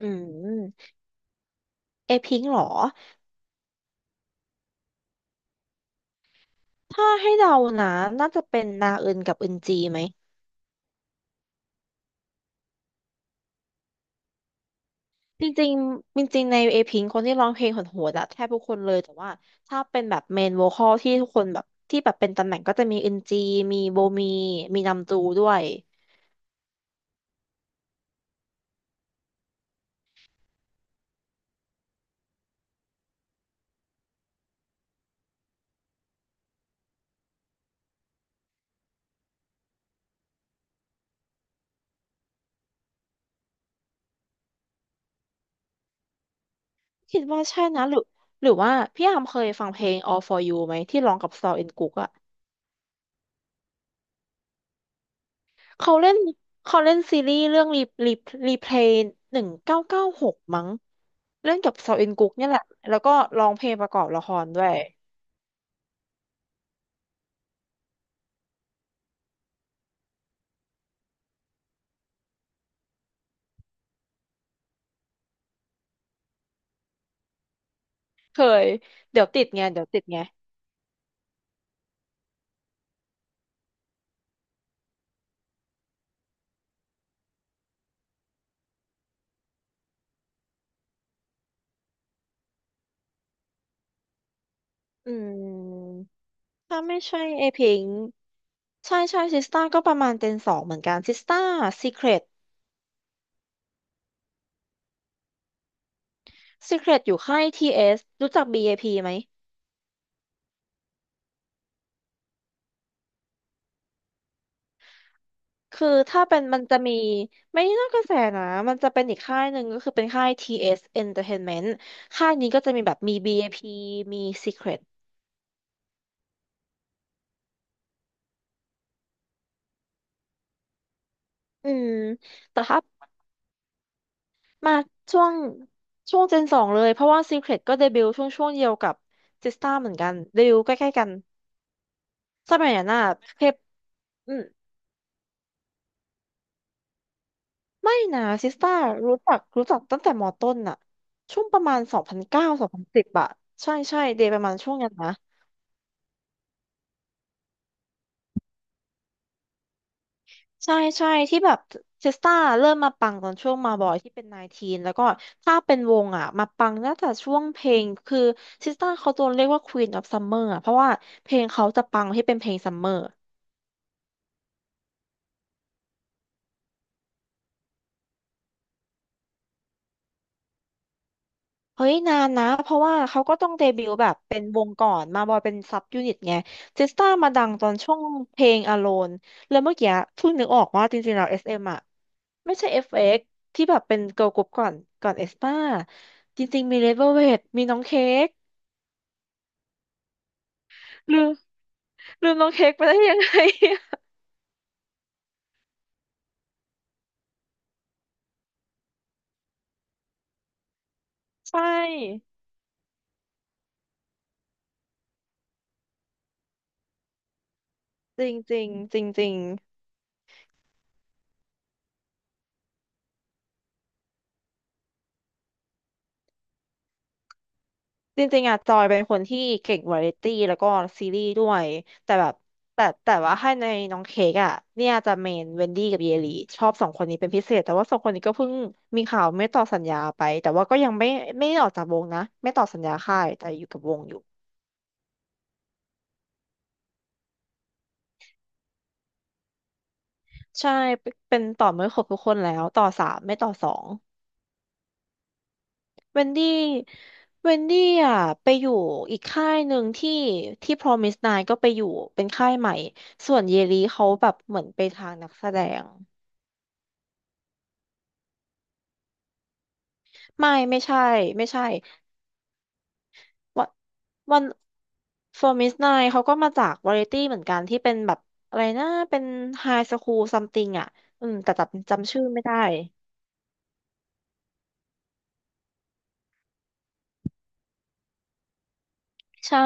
อืมเอพิงค์เหรอถ้าให้เดานะน่าจะเป็นนาอึนกับอึนจีไหมจริงๆจริงๆในเอพิงคนที่ร้องเพลงโหดๆอะแทบทุกคนเลยแต่ว่าถ้าเป็นแบบเมนโวคอลที่ทุกคนแบบที่แบบเป็นตำแหน่งก็จะมีอึนจีมีโบมีมีนำจูด้วยคิดว่าใช่นะหรือว่าพี่อามเคยฟังเพลง All for You ไหมที่ร้องกับซอลอินกุกอะ เขาเล่นเขาเล่นซีรีส์เรื่องรีรีเพลย์หนึ่งเก้าเก้าหกมั้งเล่นกับซออินกุ๊กเนี่ยแหละแล้วก็ร้องเพลงประกอบละครด้วยเคยเดี๋ยวติดไงเดี๋ยวติดไงอืมถ้าไม่ใช่เอพิงใช่ใช่ซิสต้าก็ประมาณเจนสองเหมือนกันซิสต้าซีเครตซีเครตอยู่ค่ายทีเอสรู้จักบีเอพีไหม คือถ้าเป็นมันจะมีไม่น่ากระแสนะมันจะเป็นอีกค่ายหนึ่งก็คือเป็นค่าย TS Entertainment ค่ายนี้ก็จะมีแบบมี BAP มี Secret อืมแต่ถ้ามาช่วงช่วงเจนสองเลยเพราะว่า Secret ก็เดบิวต์ช่วงเดียวกับ Sistar เหมือนกันเดบิวต์ใกล้ๆกันสมัยนั้นน่ะเพปอืมไม่นะ s i s t e r รู้จักตั้งแต่มอต้นน่ะช่วงประมาณสองพันเก้าสองพันสิบอะใช่ใช่เดย์ประมาณช่วงนั้นนะ ใช่ใช่ที่แบบเทสตาเริ่มมาปังตอนช่วงมาบอยที่เป็นนาทีนแล้วก็ถ้าเป็นวงอ่ะมาปังน่าจะช่วงเพลงคือเทสตาเขาโดนเรียกว่า Queen of Summer อ่ะเพราะว่าเพลงเขาจะปังที่เป็นเพลงซัมเมอร์เฮ้ยนานนะเพราะว่าเขาก็ต้องเดบิวต์แบบเป็นวงก่อนมาบอยเป็นซับยูนิตไงเทสตามาดังตอนช่วงเพลง Alone แล้วเมื่อกี้เพิ่งนึกออกว่าจริงๆแล้ว s เอมอ่ะไม่ใช่ FX ที่แบบเป็นเกิร์ลกรุ๊ปก่อนก่อนเอสตาจริงๆมีเลเวลเวทมีน้องเค้ก ลืมลืมน้องเค้กไปได้ยังไง ใช่จริงจริงจริงจริงจริงจริงๆอะจอยเป็นคนที่เก่งวาไรตี้แล้วก็ซีรีส์ด้วยแต่แบบแต่ว่าให้ในน้องเค้กอะเนี่ยจะเมนเวนดี้กับเยลีชอบสองคนนี้เป็นพิเศษแต่ว่าสองคนนี้ก็เพิ่งมีข่าวไม่ต่อสัญญาไปแต่ว่าก็ยังไม่ไม่ได้ออกจากวงนะไม่ต่อสัญญาค่ายแต่อยู่กับวงอยู่ใช่เป็นต่อไม่ครบทุกคนแล้วต่อสามไม่ต่อสอง เวนดี้เวนดี้อ่ะไปอยู่อีกค่ายหนึ่งที่ที่ Promise n น n ก็ไปอยู่เป็นค่ายใหม่ ส่วนเยลีเขาแบบเหมือนไปทางนักแสดงไม่ใช่ไม่ใช่วันวัน Promise n น n เขาก็มาจากวาไรตี้เหมือนกันที่เป็นแบบอะไรนะเป็นไฮสคูลซัมติงอ่ะอืมแต่จำชื่อไม่ได้ใช่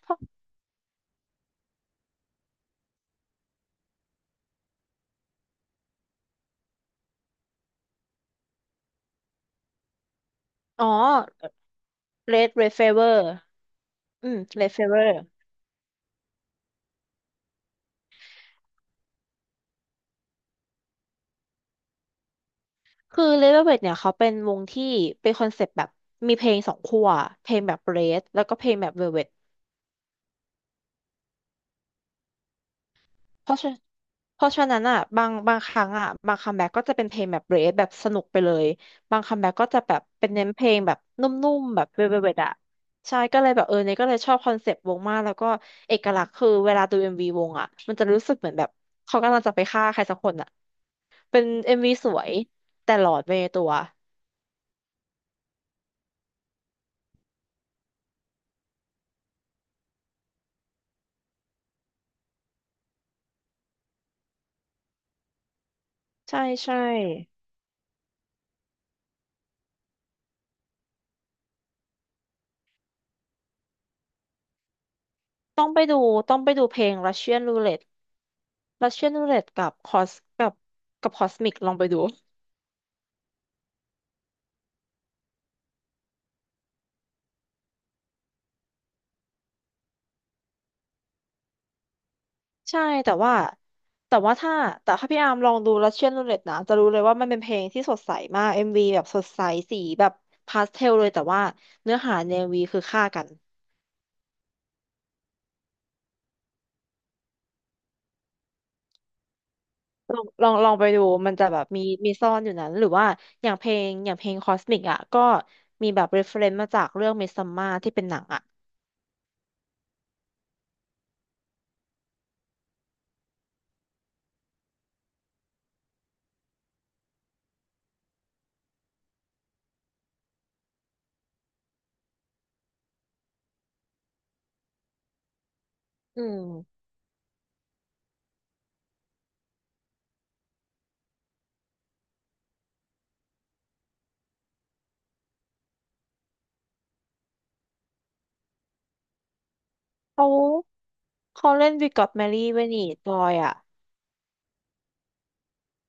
เพราะอ๋อ Red Fever อืม Red Fever คือเลเวลเวทเนี่ยเขาเป็นวงที่เป็นคอนเซปต์แบบมีเพลงสองขั้วเพลงแบบเรดแล้วก็เพลงแบบเวลเวทเพราะฉะเพราะฉะนั้นอ่ะบางครั้งอ่ะบางคัมแบ็กก็จะเป็นเพลงแบบเรดแบบสนุกไปเลยบางคัมแบ็กก็จะแบบเป็นเน้นเพลงแบบนุ่มๆแบบเวลเวทอ่ะใช่ก็เลยแบบเออเนี่ยก็เลยชอบคอนเซปต์วงมากแล้วก็เอกลักษณ์คือเวลาดูเอ็มวีวงอ่ะมันจะรู้สึกเหมือนแบบเขากำลังจะไปฆ่าใครสักคนอ่ะเป็นเอ็มวีสวยแต่หลอดไปในตัวใช่ใช่ ต้องไปดูต้องไปดูเพลง Russian Roulette Russian Roulette กับคอสกับกับ Cosmic ลองไปดูใช่แต่ว่าแต่ว่าถ้าแต่ถ้าพี่อาร์มลองดู Russian Roulette นะจะรู้เลยว่ามันเป็นเพลงที่สดใสมาก MV แบบสดใสสีแบบพาสเทลเลยแต่ว่าเนื้อหาใน MV คือฆ่ากันลองไปดูมันจะแบบมีซ่อนอยู่นั้นหรือว่าอย่างเพลง Cosmic อสมิกอ่ะก็มีแบบ reference มาจากเรื่อง Midsommar ที่เป็นหนังอ่ะอืมเขาเขาเล่น We Got Married เวนีบอยอ่ะ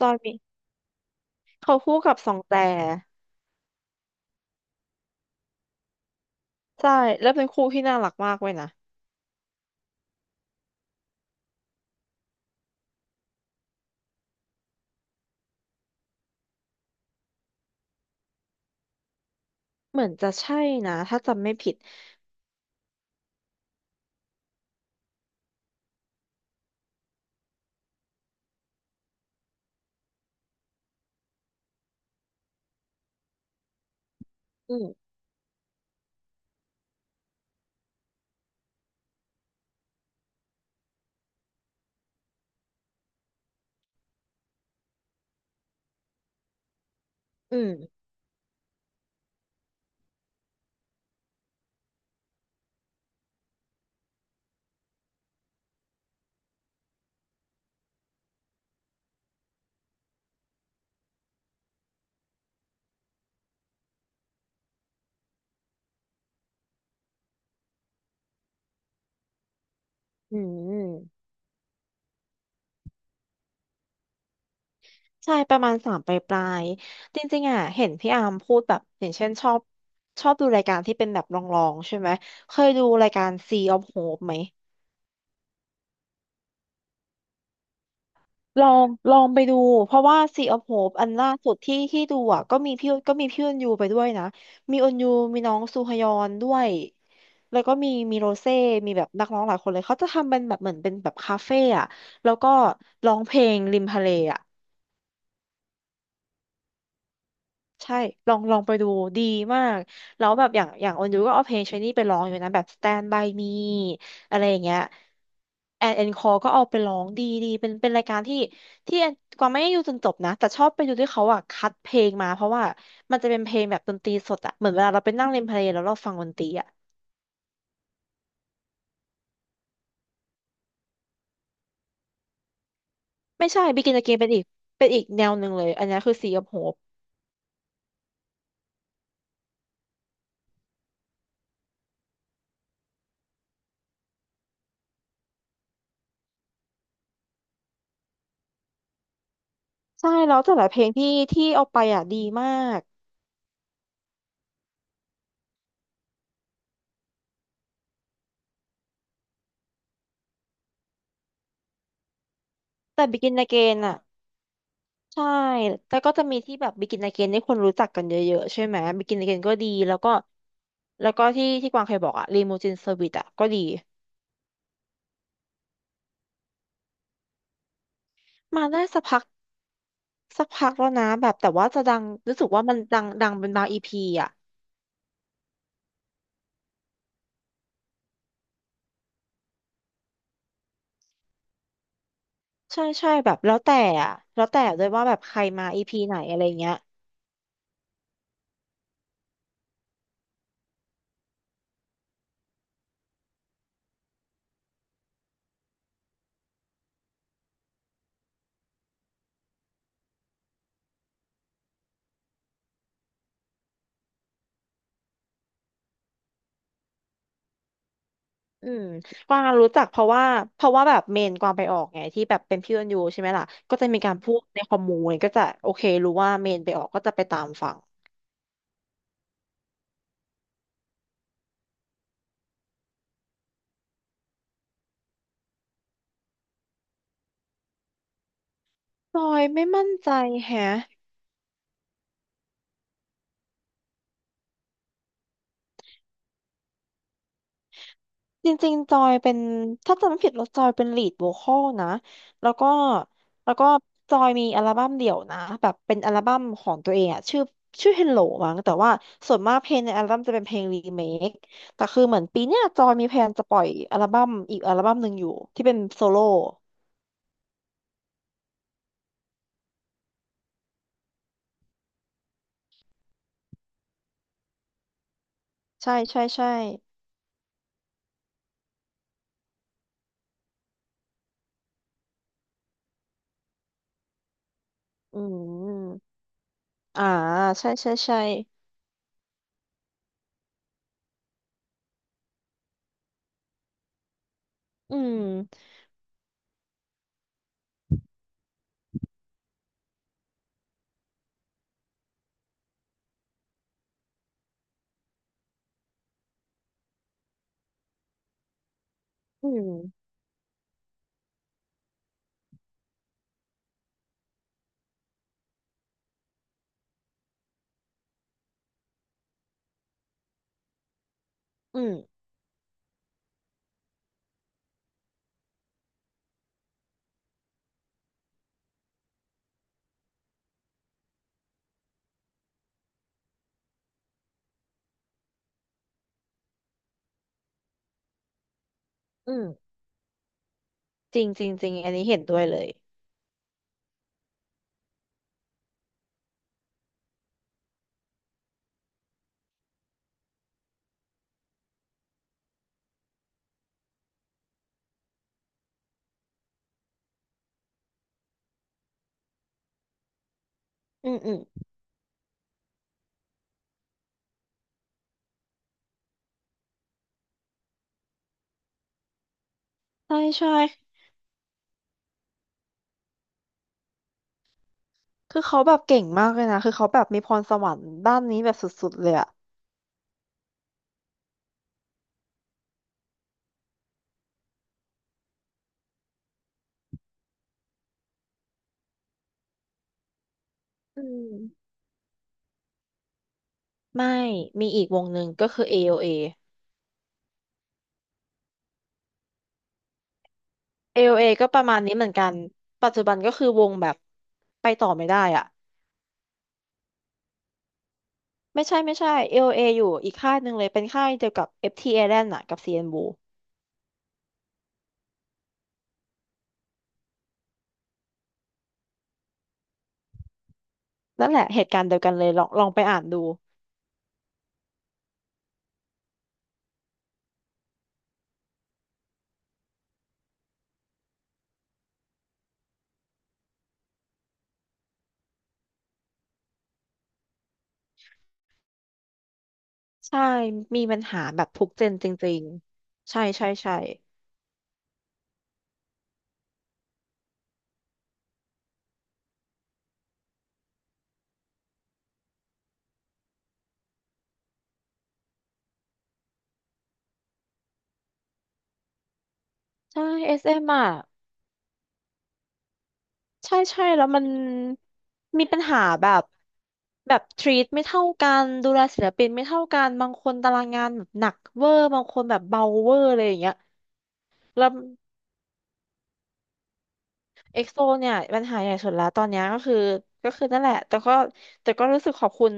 ตอนมีเขาคู่กับสองแต่ใช่แล้วเป็นคู่ที่น่ารักมากเว้ยนะเหมือนจะใช่นะถ้าจำไม่ผิดอืมอืมอืมใช่ประมาณสามปลายจริงๆอ่ะเห็นพี่อาร์มพูดแบบอย่างเช่นชอบดูรายการที่เป็นแบบลองๆใช่ไหมเคยดูรายการ Sea of Hope ไหม ลองไปดูเพราะว่า Sea of Hope อันล่าสุดที่ดูอ่ะก็มีพี่อุนยูไปด้วยนะมีอุนยูมีน้องซูฮยอนด้วยแล้วก็มีโรเซ่มีแบบนักร้องหลายคนเลยเขาจะทำเป็นแบบเหมือนเป็นแบบคาเฟ่อะแล้วก็ร้องเพลงริมทะเลอะ ใช่ลองลองไปดูดีมากแล้วแบบอย่างออนยูก็เอาเพลงชนี่ไปร้องอยู่นะแบบ Stand by me อะไรอย่างเงี้ยแอนคอก็เอาไปร้องดีดีเป็นรายการที่แอนกวางไม่ได้ดูจนจบนะแต่ชอบไปดูที่เขาอ่ะคัดเพลงมาเพราะว่ามันจะเป็นเพลงแบบดนตรีสดอ่ะเหมือนเวลาเราไปนั่งเล่นเพลงแล้วเราฟังดนตรีอ่ะไม่ใช่ Begin Again เป็นอีกแนวหนึ่งเลยอันนี้คือ Sea of Hope ใช่แล้วแต่ละเพลงที่เอาไปอ่ะดีมากแต่ Begin Again อ่ะ ใช่แล้วก็จะมีที่แบบบิกินอาเกนที่คนรู้จักกันเยอะๆใช่ไหมบิกินอาเกนก็ดีแล้วก็ที่กวางเคยบอกอะรีมูจินเซอร์วิสอะก็ดีมาได้สักพักสักพักแล้วนะแบบแต่ว่าจะดังรู้สึกว่ามันดังเป็นบางอีพีอะใช่ใช่แบบแล้วแต่อะแล้วแต่ด้วยว่าแบบใครมาอีพีไหนอะไรเงี้ยอืมกวางรู้จักเพราะว่าแบบเมนกวางไปออกไงที่แบบเป็นพี่ออนยูใช่ไหมล่ะก็จะมีการพูดในคอมมูนก็จะโอเครู้ว่าเมนไปออกก็จะไปตามฟัง จอยไม่มั่นใจแฮะจริงๆจอยเป็นถ้าจำไม่ผิดแล้วจอยเป็นลีดโวคอลนะแล้วก็แล้วก็จอยมีอัลบั้มเดี่ยวนะแบบเป็นอัลบั้มของตัวเองอะชื่อ Hello มั้งแต่ว่าส่วนมากเพลงในอัลบั้มจะเป็นเพลงรีเมคแต่คือเหมือนปีเนี้ยจอยมีแพลนจะปล่อยอัลบั้มอีกอัลบั้มหนึ่งอยู่ที่เป็นโซโล่ใช่ใช่ใช่อืมอ่าใช่ใช่ใช่อืมอืมอืมอืมจริงจริงจริงอันนี้เห็นด้วยเลยอืมอืม ใช่ใช่ คือเขาแบบเก่งมากเลยนะ คือเขาแบบมีพรสวรรค์ด้านนี้แบบสุดๆเลยอะอืมไม่ มีอีกวงหนึ่งก็คือ AOA AOA ก็ประมาณนี้เหมือนกัน ปัจจุบันก็คือวงแบบไปต่อไม่ได้อะไม่ใช่ไม่ใช่ AOA อโอเออยู่อีกค่ายหนึ่งเลย เป็นค่ายเดียวกับ FT Island อะกับ CNBLUE น Blue นั่นแหละเหตุการณ์เดียวกันเลยลองลองไปอ่านดู ใช่มีปัญหาแบบทุกเจนจริงๆใช่ใช่ใช่ใช่เอสเอมอ่ะ ใช่ใช่แล้วมันมีปัญหาแบบแบบทรีตไม่เท่ากันดูแลศิลปินไม่เท่ากันบางคนตารางงานแบบหนักเวอร์บางคนแบบเบาเวอร์อะไรอย่างเงี้ยแล้วเอ็กโซเนี่ยปัญหาใหญ่สุดแล้วตอนเนี้ยก็คือก็คือนั่นแหละแต่ก็รู้สึกขอบคุณ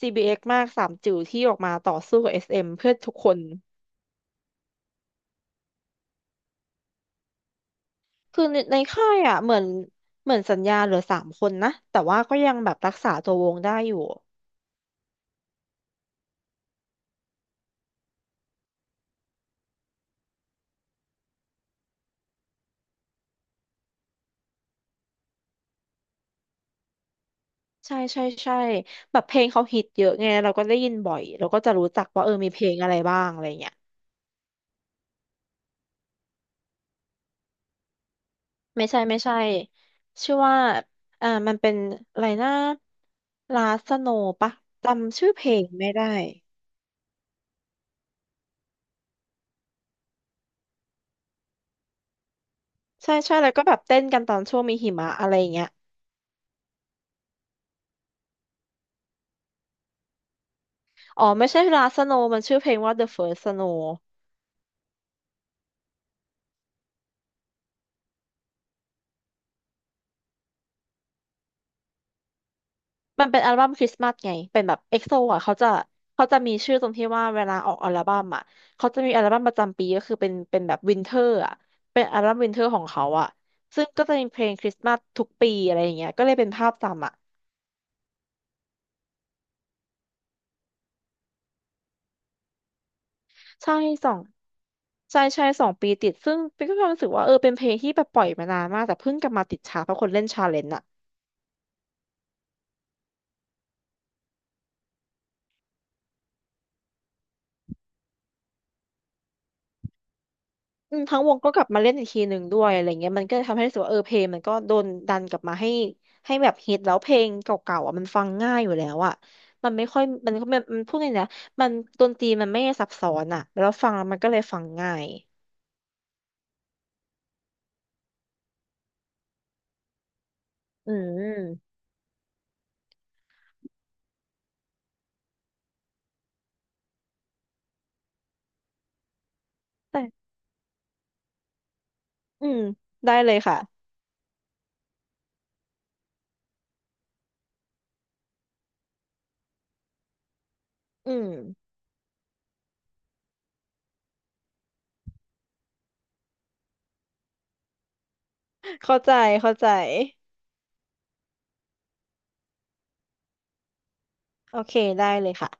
CBX มากสามจิ๋วที่ออกมาต่อสู้กับ SM เอ็มเพื่อทุกคนคือในค่ายอ่ะเหมือนสัญญาเหลือสามคนนะแต่ว่าก็ยังแบบรักษาตัววงได้อยู่ ใช่ใช่ใช่แบบเพลงเขาฮิตเยอะไงเราก็ได้ยินบ่อยเราก็จะรู้จักว่าเออมีเพลงอะไรบ้างอะไรเงี้ยไม่ใช่ไม่ใช่ชื่อว่าเอ่ามันเป็นอะไรนะลาสโนปะจำชื่อเพลงไม่ได้ใช่ใช่แล้วก็แบบเต้นกันตอนช่วงมีหิมะอะไรเงี้ยอ๋อไม่ใช่ลาสโนมันชื่อเพลงว่า The First Snow มันเป็นอัลบั้มคริสต์มาสไงเป็นแบบเอ็กโซอ่ะเขาจะมีชื่อตรงที่ว่าเวลาออกอัลบั้มอ่ะเขาจะมีอัลบั้มประจำปีก็คือเป็นแบบวินเทอร์อ่ะเป็นอัลบั้มวินเทอร์ของเขาอ่ะซึ่งก็จะมีเพลงคริสต์มาสทุกปีอะไรอย่างเงี้ยก็เลยเป็นภาพจำอ่ะใช่สองใช่ใช่สองปีติดซึ่งเป็นก็ความรู้สึกว่าเออเป็นเพลงที่แบบปล่อยมานานมากแต่เพิ่งกลับมาติดชาร์ตเพราะคนเล่นชาเลนจ์อ่ะ อืมทั้งวงก็กลับมาเล่นอีกทีหนึ่งด้วยอะไรเงี้ยมันก็ทำให้รู้สึกว่าเออเพลงมันก็โดนดันกลับมาให้แบบฮิตแล้วเพลงเก่าๆอ่ะมันฟังง่ายอยู่แล้วอ่ะมันไม่ค่อยมันก็มันมันพูดเลยนะมันดนตรีมันไม่ซับซ้อนอ่ะแล้วฟังแล้วมันก็เลยฟังง่ายอืมแต่อืมได้เลยค่ะอืมเข้าใจเข้าใจโอเคได้เลยค่ะ